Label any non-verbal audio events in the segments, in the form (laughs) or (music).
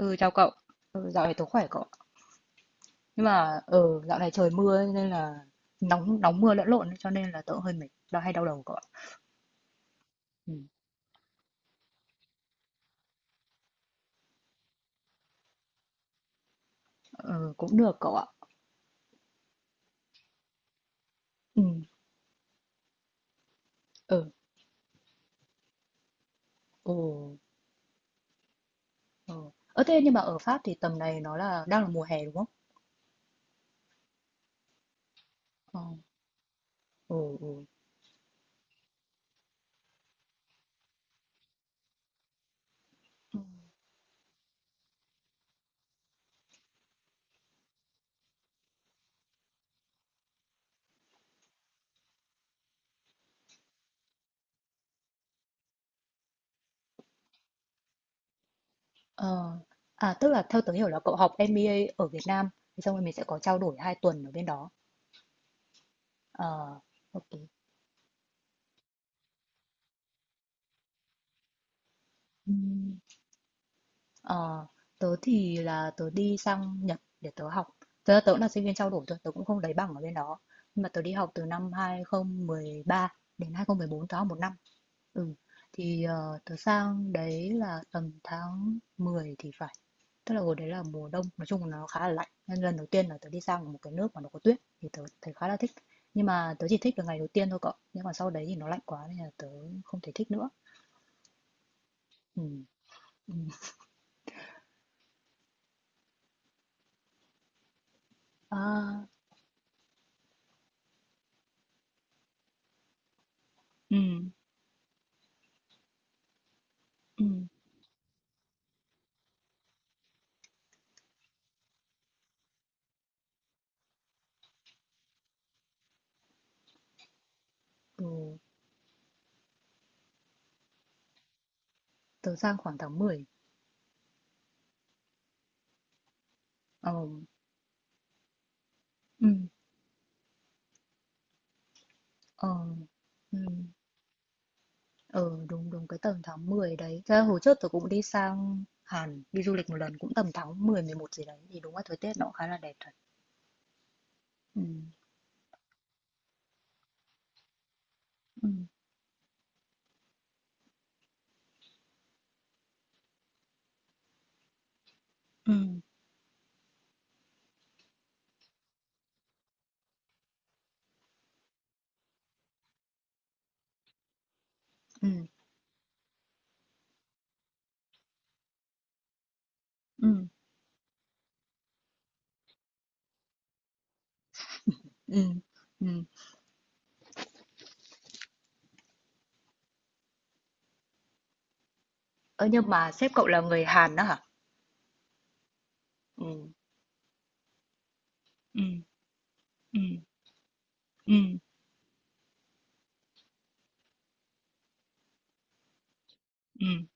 Ừ, Chào cậu. Dạo này tớ khỏe cậu ạ. Nhưng mà dạo này trời mưa ấy, nên là nóng nóng mưa lẫn lộn ấy, cho nên là tớ hơi mệt, đau đầu cậu ạ. Ừ. Ừ, Cũng được cậu ạ. Ừ, ừ, ừ, ừ. Thế nhưng mà ở Pháp thì tầm này nó đang là mùa hè đúng không? Ờ, ừ, ừ. Ừ. Ờ, Tức là theo tớ hiểu là cậu học MBA ở Việt Nam, xong rồi mình sẽ có trao đổi 2 tuần ở bên đó. Ờ, ok. Ờ, Tớ thì là tớ đi sang Nhật để tớ học. Tớ cũng là sinh viên trao đổi thôi, tớ cũng không lấy bằng ở bên đó. Nhưng mà tớ đi học từ năm 2013 đến 2014, tớ học 1 năm. Ừ, thì tớ sang đấy là tầm tháng 10 thì phải. Tức là hồi đấy là mùa đông, nói chung là nó khá là lạnh. Nên lần đầu tiên là tớ đi sang một cái nước mà nó có tuyết thì tớ thấy khá là thích. Nhưng mà tớ chỉ thích được ngày đầu tiên thôi cậu. Nhưng mà sau đấy thì nó lạnh quá nên là tớ không thể thích nữa. Ừ. Ừ. À, ừ. Ừ. Ừ. Tớ sang khoảng tháng mười. Ờ, ừm, ờ, ừm, ờ, đúng, đúng cái tầm tháng 10 đấy. Thật ra hồi trước tớ cũng đi sang Hàn, đi du lịch một lần cũng tầm tháng mười mười một gì đấy. Thì đúng là thời tiết nó cũng khá là đẹp thật. Ừ, ừ, ừ, ừ, ừ, ừ, ừm. Ơ, nhưng mà sếp cậu là người Hàn đó hả? Ừ, ừ, ừ, ừ, ừm.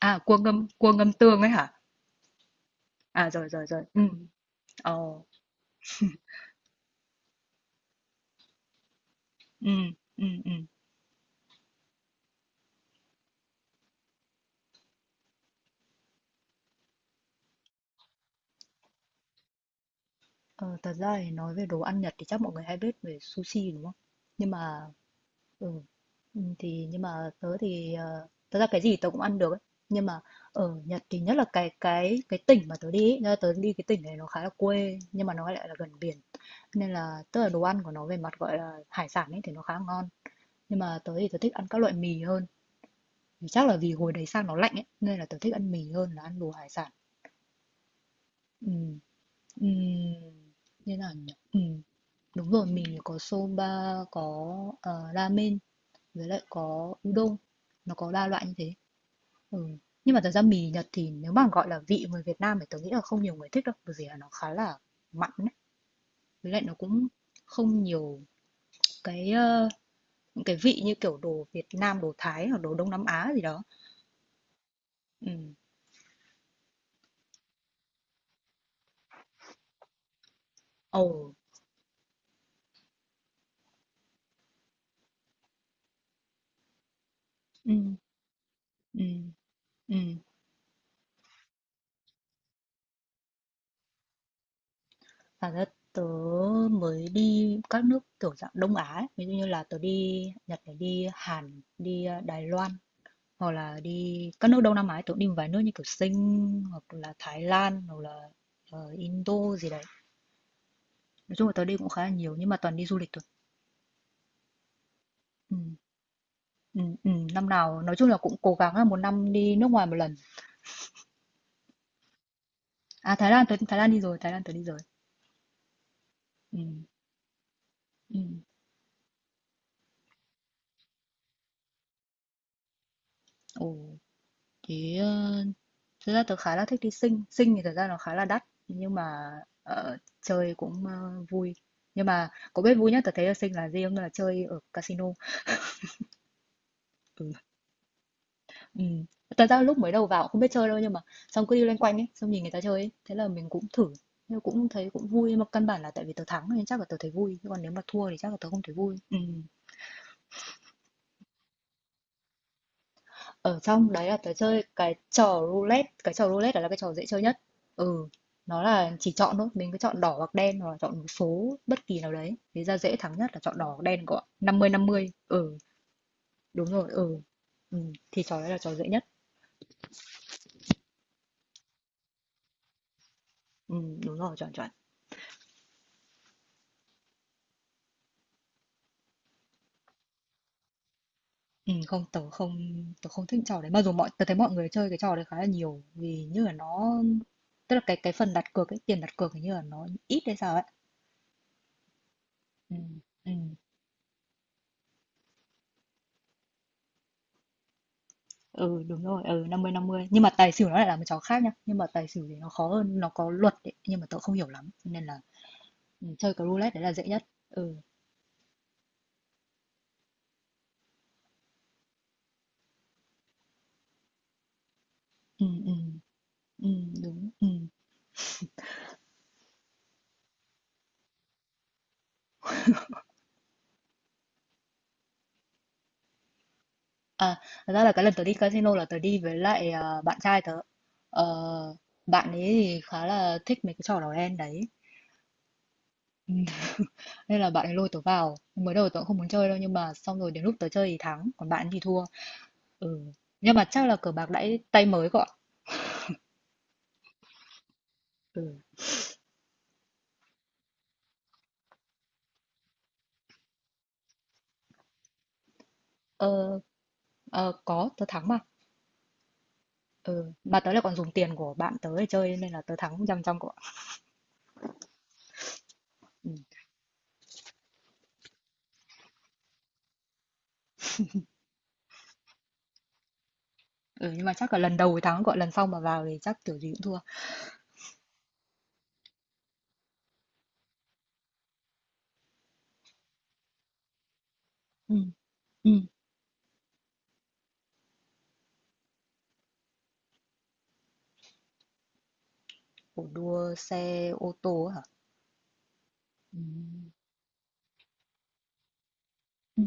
À, cua ngâm tương ấy hả? À, rồi, rồi, rồi. Ừ, ờ, ừ, ừ, ừ. Ờ, Thật ra thì nói về đồ ăn Nhật thì chắc mọi người hay biết về sushi đúng không? Nhưng mà ừ, ừ, thì nhưng mà tớ thì thật ra cái gì tớ cũng ăn được ấy. Nhưng mà ở Nhật thì nhất là cái tỉnh mà tớ đi ấy, tớ đi cái tỉnh này nó khá là quê nhưng mà nó lại là gần biển. Nên là tức là đồ ăn của nó về mặt gọi là hải sản ấy thì nó khá ngon. Nhưng mà tớ thì tớ thích ăn các loại mì hơn. Thì chắc là vì hồi đấy sang nó lạnh ấy nên là tớ thích ăn mì hơn là ăn đồ hải sản. Ừ, ừ, như nào nhỉ? Ừ. Đúng rồi, mình có soba, có, ramen với lại có udon, nó có 3 loại như thế. Ừ. Nhưng mà thật ra mì Nhật thì nếu mà gọi là vị người Việt Nam thì tớ nghĩ là không nhiều người thích đâu, bởi vì là nó khá là mặn ấy. Với lại nó cũng không nhiều cái những cái vị như kiểu đồ Việt Nam, đồ Thái hoặc đồ Đông Nam Á gì đó. Ừ. Ồ. Ừ. Ừ. Ừ. Và ra tớ mới đi các nước kiểu dạng Đông Á ấy. Ví dụ như là tớ đi Nhật này, đi Hàn, đi Đài Loan hoặc là đi các nước Đông Nam Á tưởng đi một vài nước như kiểu Sing hoặc là Thái Lan hoặc là Indo gì đấy, nói chung là tớ đi cũng khá là nhiều nhưng mà toàn đi du lịch thôi. Ừ, ừ, ừ. Năm nào nói chung là cũng cố gắng là một năm đi nước ngoài một lần. À, Thái Lan tớ, Thái Lan đi rồi, Thái Lan tớ đi rồi. Ừ, ừ. Ồ, thế thực ra tớ khá là thích đi Sing. Sing thì thật ra nó khá là đắt nhưng mà chơi cũng vui, nhưng mà có biết vui nhất tớ thấy ở Sing là gì không, là chơi ở casino. Ừ. Ừ. Thật ra lúc mới đầu vào cũng không biết chơi đâu, nhưng mà xong cứ đi loanh quanh ấy, xong nhìn người ta chơi ấy, thế là mình cũng thử. Nhưng cũng thấy cũng vui, nhưng mà căn bản là tại vì tớ thắng nên chắc là tớ thấy vui, chứ còn nếu mà thua thì chắc là tớ không thấy vui. Ừ. Ở trong đấy là tớ chơi cái trò roulette. Cái trò roulette là cái trò dễ chơi nhất. Ừ, nó là chỉ chọn thôi, mình cứ chọn đỏ hoặc đen, hoặc là chọn một số bất kỳ nào đấy, thế ra dễ thắng nhất là chọn đỏ hoặc đen cậu ạ, 50/50. Ừ, đúng rồi, ừ. Ừ, thì trò đấy là trò dễ nhất. Ừ, đúng rồi, chuẩn chuẩn. Không, tớ không thích trò đấy. Mặc dù mọi, tớ thấy mọi người chơi cái trò đấy khá là nhiều, vì như là nó, tức là cái phần đặt cược ấy, tiền đặt cược hình như là nó ít hay sao ấy. Ừ, ừ, ừ đúng rồi, ừ 50/50. Nhưng mà tài xỉu nó lại là một trò khác nhá. Nhưng mà tài xỉu thì nó khó hơn, nó có luật ấy, nhưng mà tớ không hiểu lắm. Cho nên là ừ, chơi cái roulette đấy là dễ nhất. Ừ, ừ, ừ, ừ đúng. Ừ. À, thật ra là cái lần tớ đi casino là tớ đi với lại bạn trai tớ. Ờ, bạn ấy thì khá là thích mấy cái trò đỏ đen đấy. (laughs) Nên là bạn ấy lôi tớ vào, mới đầu tớ cũng không muốn chơi đâu, nhưng mà xong rồi đến lúc tớ chơi thì thắng, còn bạn ấy thì thua. Ừ. Nhưng mà chắc là cờ bạc đãi tay mới cậu ạ. Ừ. Ờ, ờ, có, tớ thắng mà. Ừ. Mà tớ lại còn dùng tiền của bạn tớ để chơi nên là tớ thắng trăm trăm cậu ạ. Ừ, ừ. Nhưng mà chắc là lần đầu thì thắng cậu ạ, lần sau mà vào thì chắc kiểu gì cũng thua. Ừ. Ừ. Ủa, đua xe ô tô hả? Ừ. Ừ.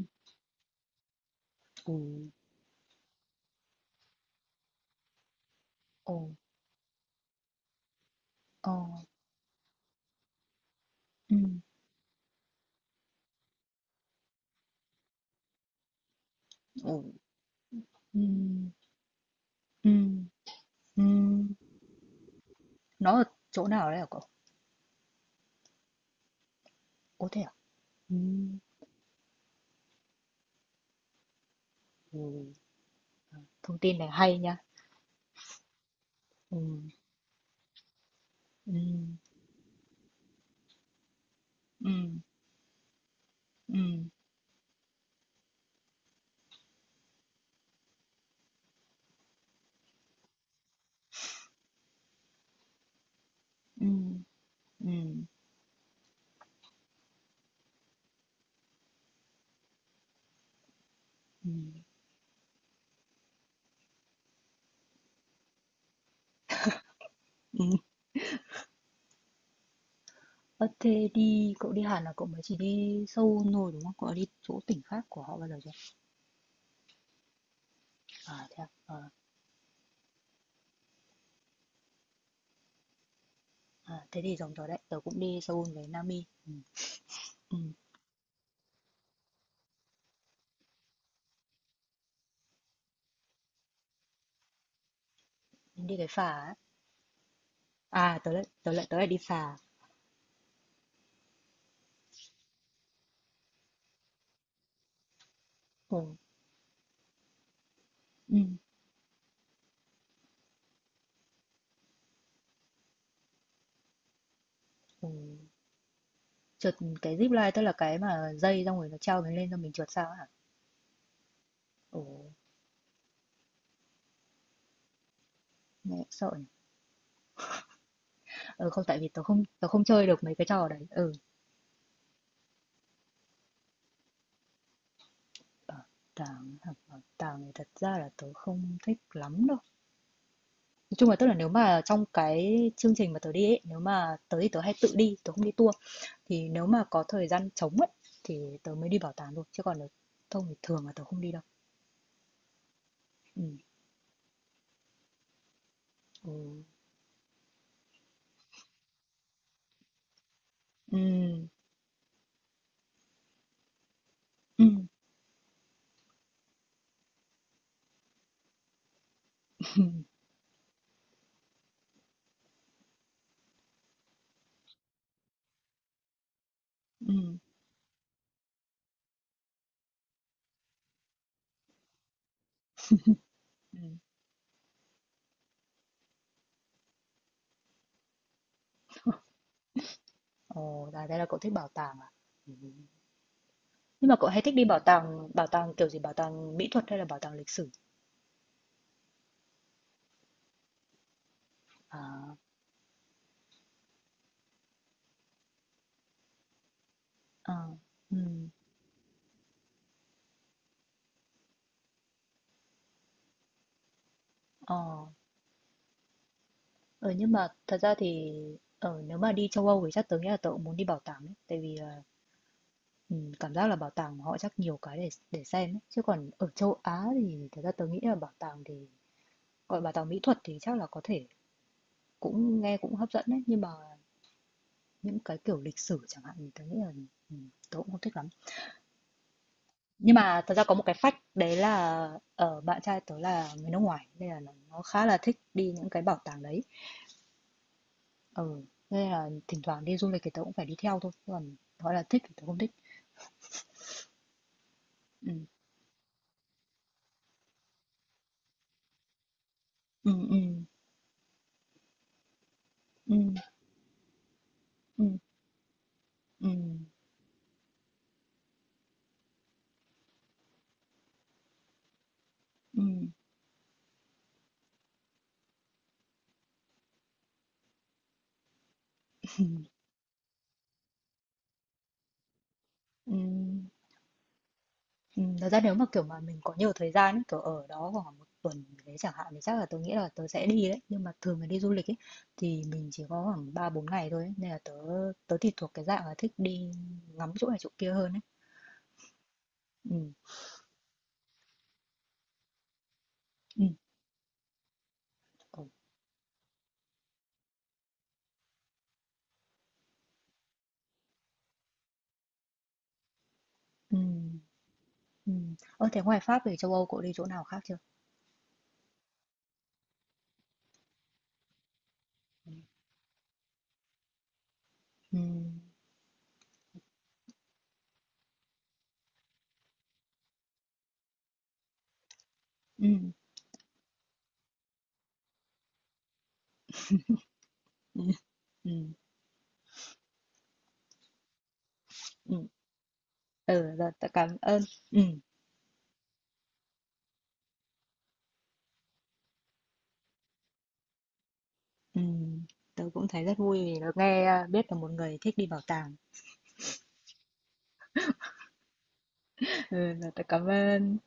Ừ. Ồ. Ồ. Ừ. Ồ. Ừ. Ừ. Ừ. Nó ở chỗ nào đấy hả cậu? Có thể ừm, ừm, thông tin này hay nha. Ừm, ừm, ừm, ừm, ừm, ừm, ừm, ừm. Ơ, thế đi, cậu đi Hàn là cậu mới chỉ đi Seoul thôi đúng không? Cậu đã đi chỗ tỉnh khác của họ bao giờ chưa? À thế à? Ờ, à, thế thì giống tớ đấy, tớ cũng đi Seoul với Nami. Ừm, nhưng đi cái phà ấy. À, tớ lại đi phà. Ừm, ừm, ừm. Trượt cái zip line tức là cái mà dây xong rồi nó treo mình lên cho mình trượt sao ấy hả? Ồ, nghe sợ nhỉ. Ừ, không tại vì tớ không, tớ không chơi được mấy cái trò đấy. Ừ, bảo tàng, học bảo tàng thì thật ra là tớ không thích lắm đâu. Nói chung là, tức là nếu mà trong cái chương trình mà tớ đi ấy, nếu mà tớ thì tớ hay tự đi, tớ không đi tour. Thì nếu mà có thời gian trống ấy thì tớ mới đi bảo tàng thôi, chứ còn nếu không thì thường là tớ không đi đâu. Ừ. Ừ. Ừ. Ừ. (laughs) Ừ. Ừ. Ừ. Ồ, à, thế là cậu thích bảo tàng à? Ừ. Nhưng mà cậu hay thích đi bảo tàng kiểu gì? Bảo tàng mỹ thuật hay là bảo tàng lịch sử? À. Ờ, ừm, ờ, ờ nhưng mà thật ra thì nếu mà đi châu Âu thì chắc tớ nghĩ là tớ cũng muốn đi bảo tàng đấy, tại vì là cảm giác là bảo tàng họ chắc nhiều cái để xem ấy. Chứ còn ở châu Á thì thật ra tớ nghĩ là bảo tàng thì gọi bảo tàng mỹ thuật thì chắc là có thể cũng nghe cũng hấp dẫn đấy, nhưng mà những cái kiểu lịch sử chẳng hạn thì tớ nghĩ là tớ cũng không thích lắm. Nhưng mà thật ra có một cái fact đấy là ở bạn trai tớ là người nước ngoài nên là nó khá là thích đi những cái bảo tàng đấy. Ừ, nên là thỉnh thoảng đi du lịch thì tớ cũng phải đi theo thôi, còn gọi là thích thì tớ không thích. Ừ, ừ, ừ, ừ, ừ, ừ, ừ, ừ, ừ. Thật ra nếu mà kiểu mà mình có nhiều thời gian ấy, kiểu ở đó khoảng 1 tuần gì đấy chẳng hạn thì chắc là tớ nghĩ là tớ sẽ đi đấy. Nhưng mà thường là đi du lịch ấy, thì mình chỉ có khoảng 3 4 ngày thôi ấy. Nên là tớ, tớ thì thuộc cái dạng là thích đi ngắm chỗ này chỗ kia hơn ấy. Ừ, ừ, ừ, ừ, ừ. Ờ, thế ngoài Pháp về châu Âu cậu đi chỗ nào khác chưa? Ừ, ừ, ừ, ừ. Ừ, ừ rồi, tớ cảm ơn. Ừ, ừ, tớ cũng thấy rất vui vì được nghe à, biết là một người thích đi bảo tàng. Ừ, rồi, tớ cảm ơn.